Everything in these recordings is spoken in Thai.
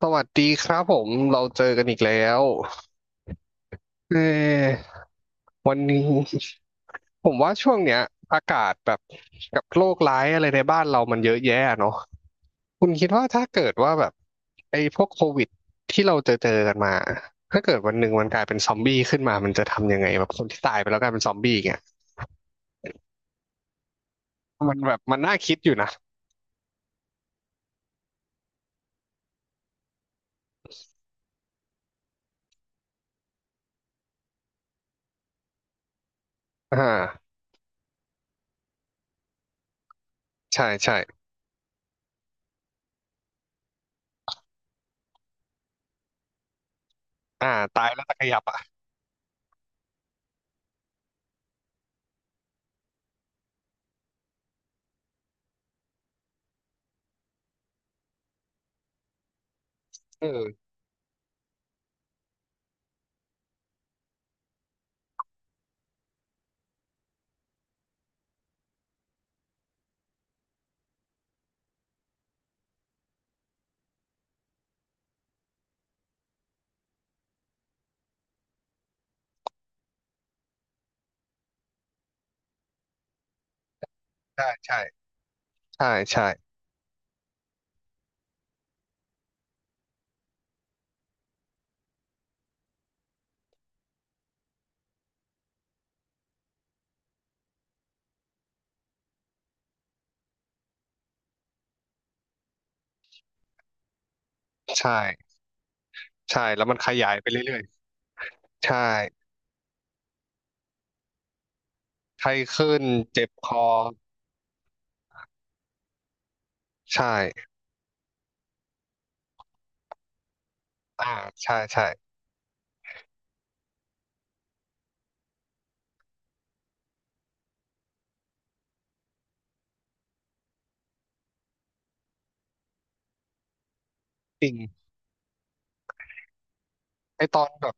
สวัสดีครับผมเราเจอกันอีกแล้วเออวันนี้ผมว่าช่วงเนี้ยอากาศแบบกับโรคร้ายอะไรในบ้านเรามันเยอะแยะเนาะคุณคิดว่าถ้าเกิดว่าแบบไอ้พวกโควิดที่เราเจอกันมาถ้าเกิดวันหนึ่งมันกลายเป็นซอมบี้ขึ้นมามันจะทำยังไงแบบคนที่ตายไปแล้วกลายเป็นซอมบี้เงี้ยมันแบบมันน่าคิดอยู่นะอ่าใช่ใช่อ่าตายแล้วจะขยับอ่ะเออใช่ใช่ใช่ใช่ใช่ใช่แล้วมันขยายไปเรื่อยๆ ใช่ไข้ขึ้น เจ็บคอ ใช่อ่าใช่ใช่จริงไอตอนแบบ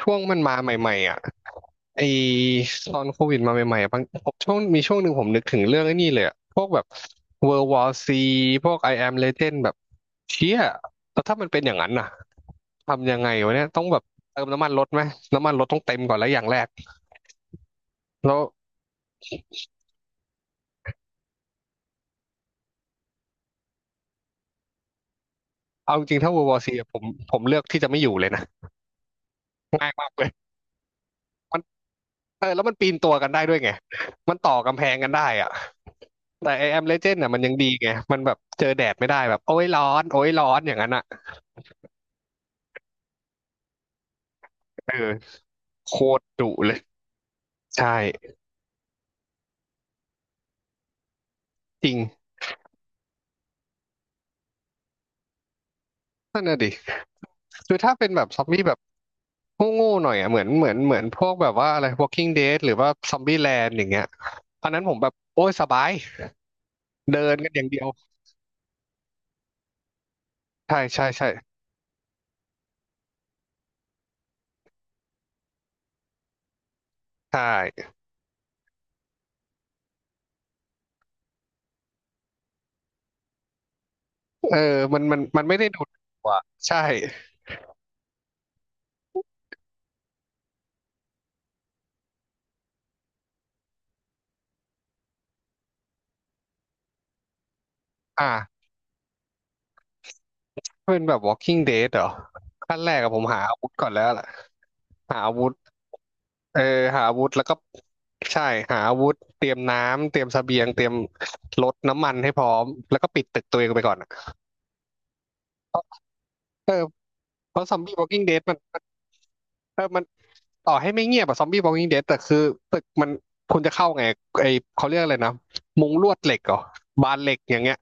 ช่วงมันมาใหม่ๆอ่ะไอตอนโควิดมาใหม่ๆอะบางผมช่วงมีช่วงหนึ่งผมนึกถึงเรื่องไอ้นี่เลยอะพวกแบบ World War C พวก I Am Legend แบบเชี่ยแล้วถ้ามันเป็นอย่างนั้นน่ะทำยังไงวะเนี่ย ต้องแบบเติมน้ำมันรถไหม น้ำมันรถต้องเต็มก่อนแล้วอย่างแรกแล้วเอาจริงๆถ้า World War C อะผมเลือกที่จะไม่อยู่เลยนะง่ายมากเลย เออแล้วมันปีนตัวกันได้ด้วยไงมันต่อกำแพงกันได้อะแต่ไอแอมเลเจนด์น่ะมันยังดีไงมันแบบเจอแดดไม่ได้แบบโอ้ยร้อนโอ้ยร้อนอย่างนั้นอ่ะเออโคตรดุเลยใช่จริงนั่นน่ะดิคือถ้าเป็นแบบซอมบี้แบบโง่ๆหน่อยอ่ะเหมือนพวกแบบว่าอะไร Walking Dead หรือว่า Zombie Land อย่างเงี้ยอันนั้นผมแบบโอ้ยสบายเดินกันอย่างเดียวใช่ใช่ใช่ใช่เออมันไม่ได้ดุกว่าใช่อ่า เป็นแบบ Walking Dead เหรอขั้นแรกอะผมหาอาวุธก่อนแล้วแหละหาอาวุธเออหาอาวุธแล้วก็ใช่หาอาวุธเตรียมน้ำเตรียมเสบียงเตรียมรถน้ำมันให้พร้อมแล้วก็ปิดตึกตัวเองไปก่อนอะเออเพราะซอมบี้ Walking Dead มันเออมันต่อให้ไม่เงียบอะซอมบี้ Walking Dead แต่คือตึกมันคุณจะเข้าไงไอเขาเรียกอะไรนะมุงลวดเหล็กเหรอบานเหล็กอย่างเงี้ย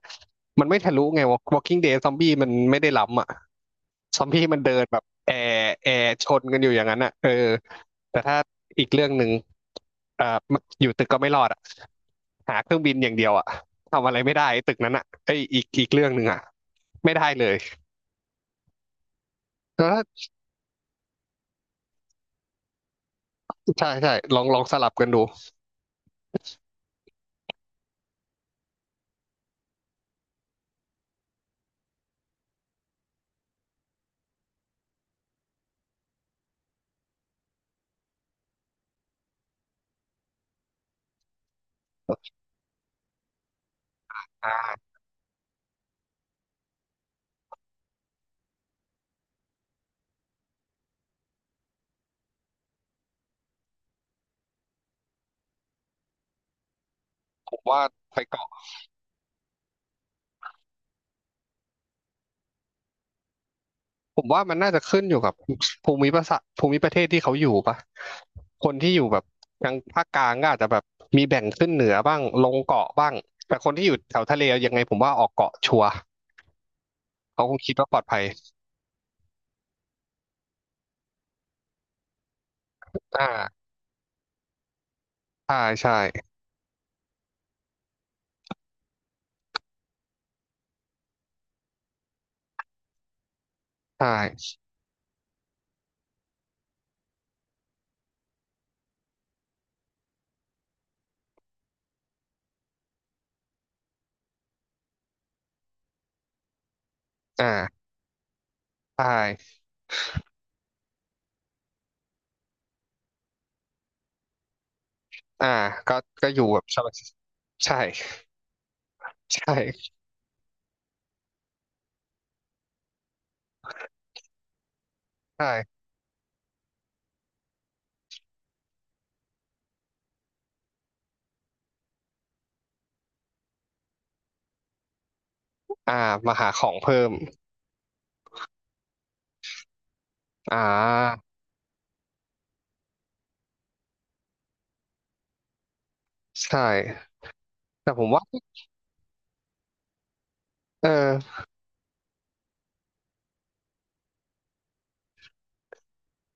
มันไม่ทะลุไง Walking Dead ซอมบี้มันไม่ได้ล้ำอะ ซอมบี้มันเดินแบบแอร์แอร์ชนกันอยู่อย่างนั้นอ่ะเออแต่ถ้าอีกเรื่องหนึ่งเอ่ออยู่ตึกก็ไม่รอดอ่ะหาเครื่องบินอย่างเดียวอ่ะทำอะไรไม่ได้ไอ้ตึกนั้นอ่ะไอ้ยอีกอีกเรื่องหนึ่งอ่ะไม่ได้เลยแล้วถ้าใช่ใช่ลองลองสลับกันดูอ่าผมว่าไป ผมว่ามันน่าจะขึ้นอยู่กับภูมิประเทศภูมิประเทศที่เขาอยู่ปะคนที่อยู่แบบทางภาคกลางก็อาจจะแบบมีแบ่งขึ้นเหนือบ้างลงเกาะบ้างแต่คนที่อยู่แถวทะเลยังไงผมว่าออกเกาะชัวร์เขาคงคิดว่าปลอดภัยอ่าใช่ใช่ใช่อ่าใช่อ่าก็ก็อยู่แบบสบายใช่ใช่ใช่อ่ามาหาของเพิ่มอ่าใช่แต่ผมว่าเออ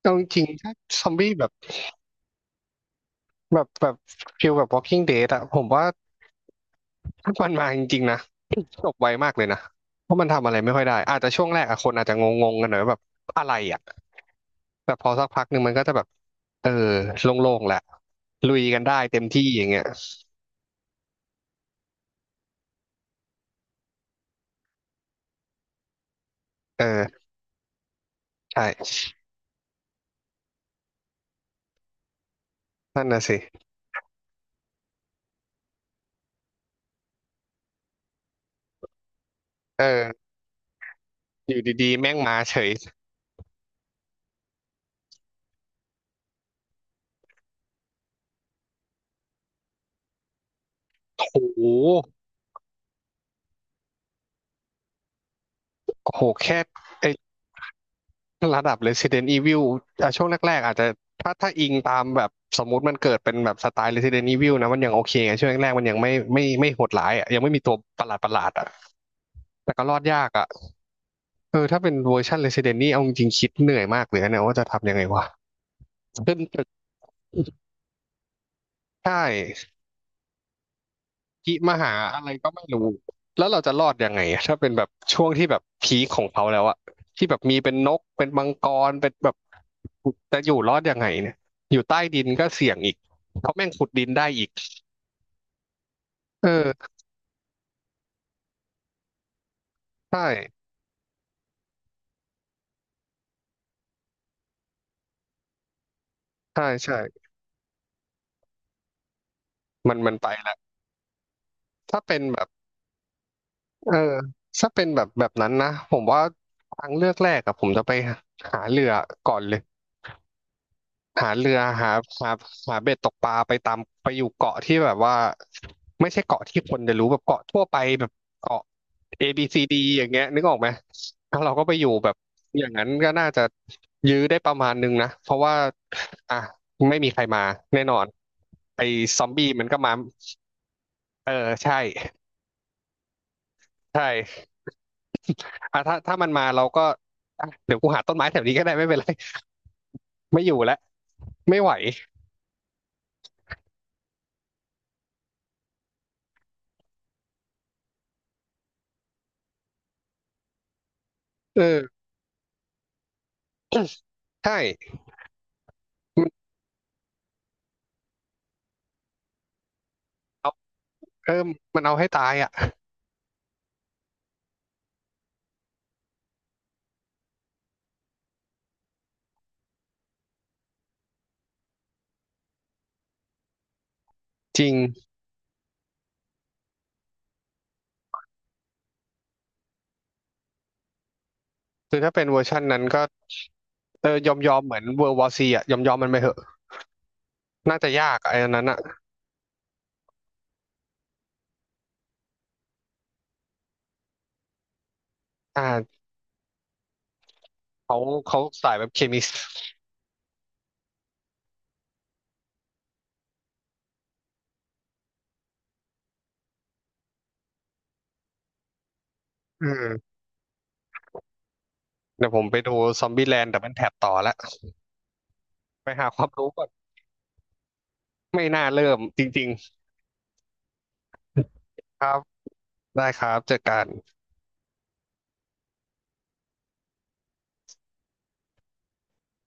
เอาจริงๆถ้าซอมบี้แบบ แบบแบบฟิลแบบ Walking Dead อะผมว่า ถ้ามันมาจริงๆนะจบไวมากเลยนะเพราะมันทำอะไรไม่ค่อยได้อาจจะช่วงแรกอะคนอาจจะงงๆกันหน่อยว่าแบบอะไรอะแต่พอสักพักหนึ่งมันก็จะแบบเออโล่งๆแหละลุยกันได้เต็มที่อย่างเงี้ยเออใช่นั่นน่ะสิเอออยู่ดีๆแม่งมาเฉยโอโหโอ้โหแค่ไอ้ ระดับ Resident Evil อ่ะช่วงแรกๆอาจจะถ้าถ้าอิงตามแบบสมมติมันเกิดเป็นแบบสไตล์ Resident Evil นะมันยังโอเคไงช่วงแรกๆมันยังไม่ไม่ไม่โหดร้ายอ่ะยังไม่มีตัวประหลาดประหลาดอ่ะแต่ก็รอดยากอ่ะเออถ้าเป็นเวอร์ชัน Resident นี่เอาจริงๆคิดเหนื่อยมากเลยนะเนี่ยว่าจะทำยังไงวะ ขึ้นตึกใช่ ธิมหาอะไรก็ไม่รู้แล้วเราจะรอดยังไงอะถ้าเป็นแบบช่วงที่แบบพีคของเขาแล้วอะที่แบบมีเป็นนกเป็นมังกรเป็นแบบจะอยู่รอดยังไงเนี่ยอยู่ใต้ดินก็เสี่ยงอีกเพราะแม่งขุดดินได้อีกเออใช่ใช่ใช่มันไปแล้วถ้าเป็นแบบเออถ้าเป็นแบบแบบนั้นนะผมว่าทางเลือกแรกอะผมจะไปหาเรือก่อนเลย หาเรือหาหาหาเบ็ดตกปลาไปตามไปอยู่เกาะที่แบบว่าไม่ใช่เกาะที่คนจะรู้แบบเกาะทั่วไปแบบเกาะABCDอย่างเงี้ยนึกออกไหมถ้าเราก็ไปอยู่แบบอย่างนั้นก็น่าจะยื้อได้ประมาณนึงนะเพราะว่าอ่ะไม่มีใครมาแน่นอนไอ้ซอมบี้มันก็มาเออใช่ใช่อ่ะถ้าถ้ามันมาเราก็อ่ะเดี๋ยวกูหาต้นไม้แถวนี้ก็ได้ไม่เป็นไรไม่อยู่แล้วไม่ไหวเออใช่มันเอาเออมันเอาให้ตายอ่ะ จริงคือถ้าเป็นเวอร์ชันนั้นก็เออยอมยอมเหมือนเวอร์วอซีอะยอมยอมมันไปเถอะ น่าจะยากไอ้ันนั้นอะอ่าเขาเขาสายแบบเคมีอืมเดี๋ยวผมไปดูซอมบี้แลนด์ดับเบิลแท็บต่อละไปหาความรู้ก่อนไม่น่าเริ่มจริงๆครับได้ครับเจอกัน